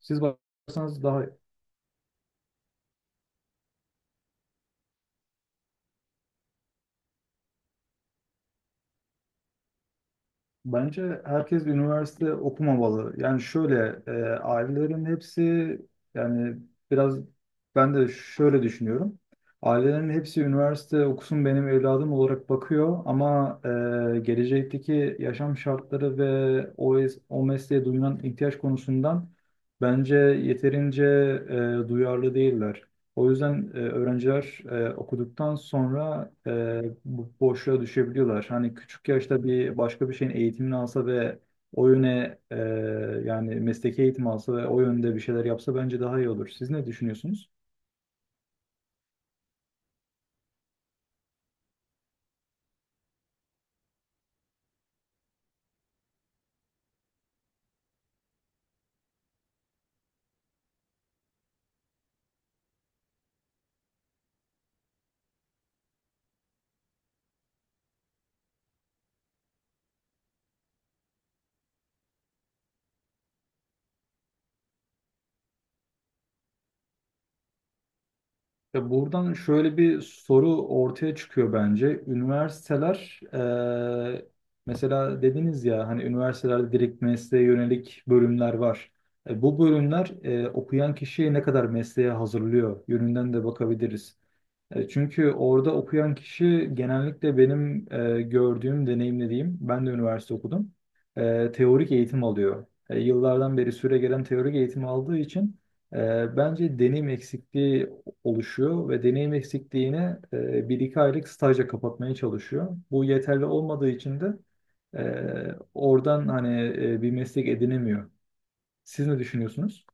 Siz bakarsanız daha bence herkes üniversite okumamalı. Yani ailelerin hepsi, yani biraz, ben de şöyle düşünüyorum. Ailelerin hepsi üniversite okusun benim evladım olarak bakıyor, ama gelecekteki yaşam şartları ve o mesleğe duyulan ihtiyaç konusundan bence yeterince duyarlı değiller. O yüzden öğrenciler okuduktan sonra bu boşluğa düşebiliyorlar. Hani küçük yaşta başka bir şeyin eğitimini alsa ve o yöne e, yani mesleki eğitim alsa ve o yönde bir şeyler yapsa bence daha iyi olur. Siz ne düşünüyorsunuz? Ya buradan şöyle bir soru ortaya çıkıyor bence. E, mesela dediniz ya, hani üniversitelerde direkt mesleğe yönelik bölümler var. Bu bölümler okuyan kişiyi ne kadar mesleğe hazırlıyor yönünden de bakabiliriz. Çünkü orada okuyan kişi genellikle benim gördüğüm, deneyimlediğim, ben de üniversite okudum, teorik eğitim alıyor. Yıllardan beri süre gelen teorik eğitim aldığı için bence deneyim eksikliği oluşuyor ve deneyim eksikliğini bir iki aylık stajla kapatmaya çalışıyor. Bu yeterli olmadığı için de e, oradan hani bir meslek edinemiyor. Siz ne düşünüyorsunuz?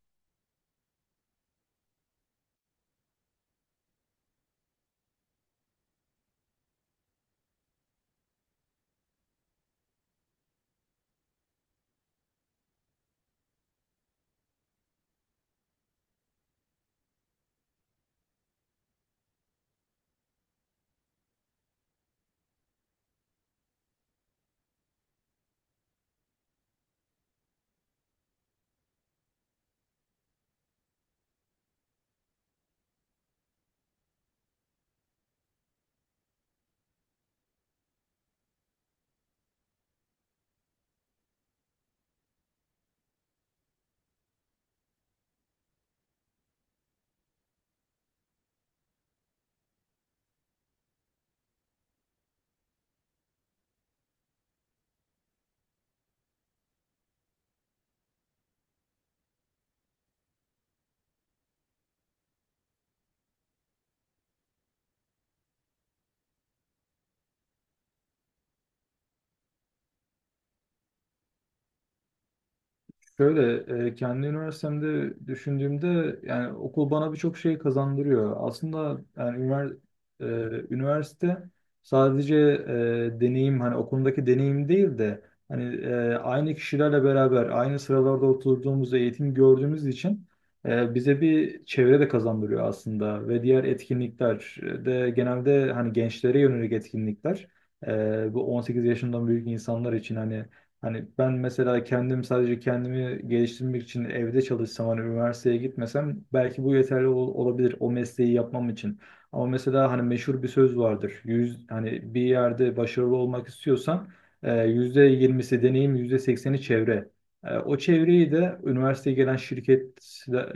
Şöyle Kendi üniversitemde düşündüğümde yani okul bana birçok şey kazandırıyor. Aslında yani üniversite sadece deneyim, hani okulundaki deneyim değil de, hani aynı kişilerle beraber aynı sıralarda oturduğumuz, eğitim gördüğümüz için bize bir çevre de kazandırıyor aslında ve diğer etkinlikler de genelde hani gençlere yönelik etkinlikler. Bu 18 yaşından büyük insanlar için hani, hani ben mesela kendim sadece kendimi geliştirmek için evde çalışsam, hani üniversiteye gitmesem belki bu yeterli olabilir o mesleği yapmam için. Ama mesela hani meşhur bir söz vardır. Yüz, hani bir yerde başarılı olmak istiyorsan yüzde yirmisi deneyim, yüzde sekseni çevre. O çevreyi de üniversiteye gelen şirket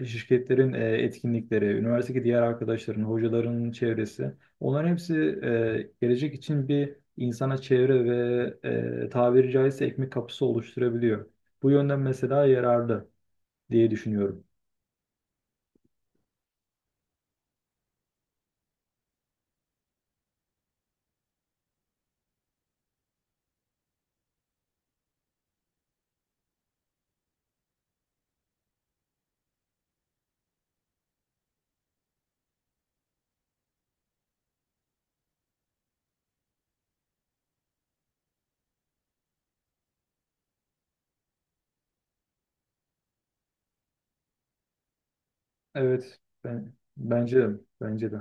şirketlerin e, etkinlikleri, üniversitedeki diğer arkadaşların, hocaların çevresi. Onların hepsi gelecek için bir insana çevre ve tabiri caizse ekmek kapısı oluşturabiliyor. Bu yönden mesela yararlı diye düşünüyorum. Evet, bence de, bence de.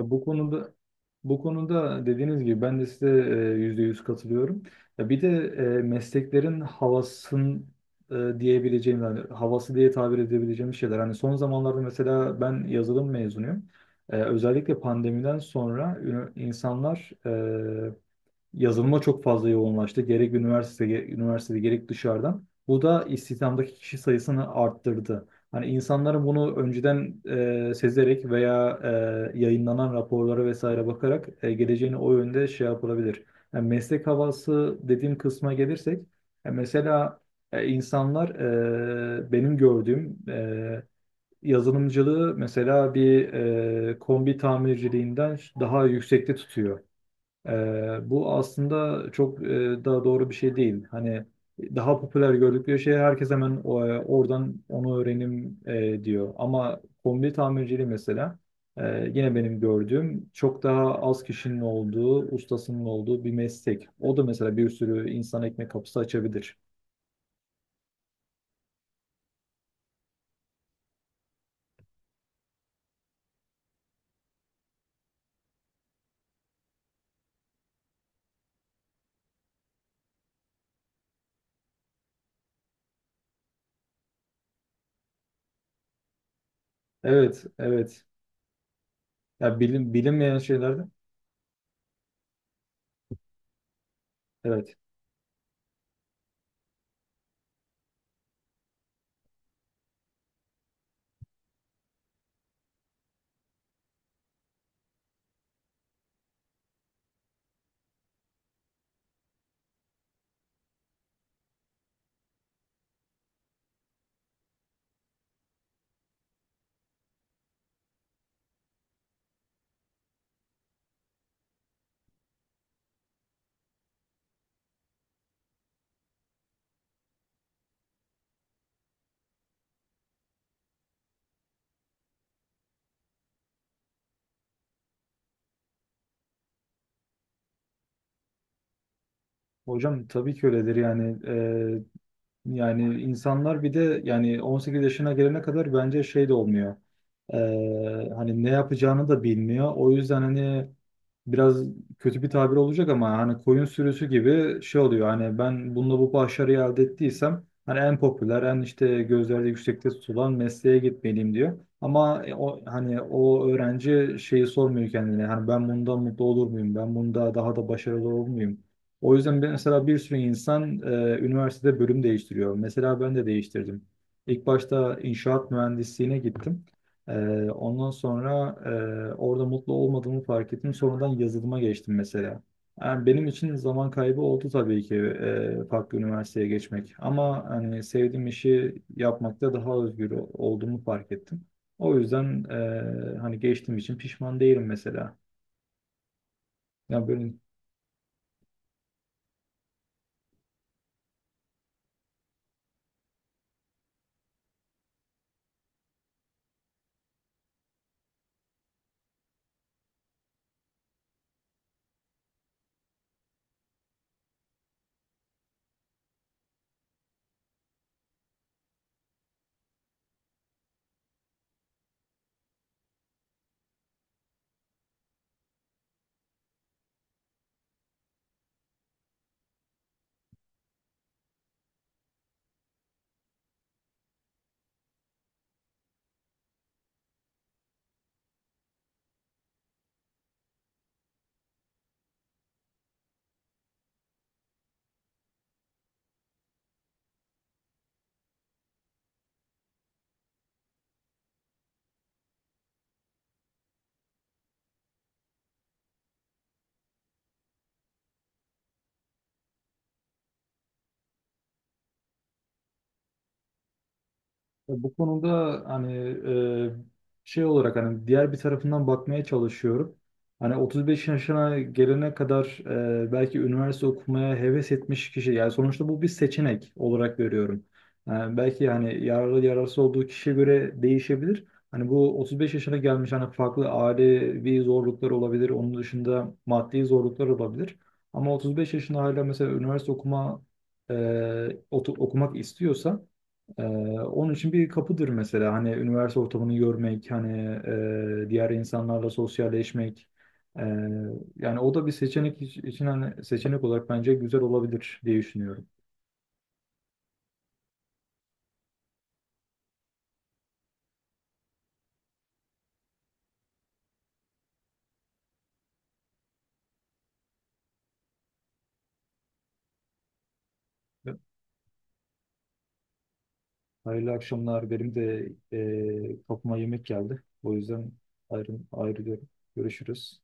Ya bu konuda, bu konuda dediğiniz gibi ben de size %100 katılıyorum. Ya bir de mesleklerin e, diyebileceğim yani havası diye tabir edebileceğim şeyler. Hani son zamanlarda mesela ben yazılım mezunuyum. Özellikle pandemiden sonra insanlar yazılıma çok fazla yoğunlaştı. Gerek üniversite, üniversitede, gerek dışarıdan. Bu da istihdamdaki kişi sayısını arttırdı. Hani insanların bunu önceden sezerek veya yayınlanan raporlara vesaire bakarak geleceğini o yönde şey yapılabilir. Yani meslek havası dediğim kısma gelirsek, e, mesela e, insanlar e, benim gördüğüm e, yazılımcılığı mesela kombi tamirciliğinden daha yüksekte tutuyor. Bu aslında çok daha doğru bir şey değil. Hani daha popüler gördükleri şey herkes hemen oradan onu öğrenim diyor. Ama kombi tamirciliği mesela yine benim gördüğüm çok daha az kişinin olduğu, ustasının olduğu bir meslek. O da mesela bir sürü insan ekmek kapısı açabilir. Evet, evet. Ya bilin, bilinmeyen şeylerde. Evet. Hocam tabii ki öyledir yani. Yani insanlar bir de yani 18 yaşına gelene kadar bence şey de olmuyor. Hani ne yapacağını da bilmiyor. O yüzden hani biraz kötü bir tabir olacak ama hani koyun sürüsü gibi şey oluyor. Hani ben bununla bu başarıyı elde ettiysem, hani en popüler, en işte gözlerde yüksekte tutulan mesleğe gitmeliyim diyor. Ama o hani o öğrenci şeyi sormuyor kendine. Hani ben bundan mutlu olur muyum? Ben bunda daha da başarılı olur muyum? O yüzden mesela bir sürü insan üniversitede bölüm değiştiriyor. Mesela ben de değiştirdim. İlk başta inşaat mühendisliğine gittim. E, ondan sonra orada mutlu olmadığımı fark ettim. Sonradan yazılıma geçtim mesela. Yani benim için zaman kaybı oldu tabii ki, farklı üniversiteye geçmek. Ama hani sevdiğim işi yapmakta daha özgür olduğumu fark ettim. O yüzden hani geçtiğim için pişman değilim mesela. Ya böyle, ya bu konuda hani şey olarak hani diğer bir tarafından bakmaya çalışıyorum. Hani 35 yaşına gelene kadar belki üniversite okumaya heves etmiş kişi, yani sonuçta bu bir seçenek olarak görüyorum. Yani belki hani yararlı yararsız olduğu kişiye göre değişebilir. Hani bu 35 yaşına gelmiş, hani farklı ailevi zorluklar olabilir. Onun dışında maddi zorluklar olabilir. Ama 35 yaşında hala mesela üniversite e, okumak istiyorsa, ee, onun için bir kapıdır mesela, hani üniversite ortamını görmek, hani diğer insanlarla sosyalleşmek. Ee, Yani o da bir seçenek için, hani seçenek olarak bence güzel olabilir diye düşünüyorum. Hayırlı akşamlar. Benim de kapıma yemek geldi. O yüzden ayrılıyorum. Görüşürüz.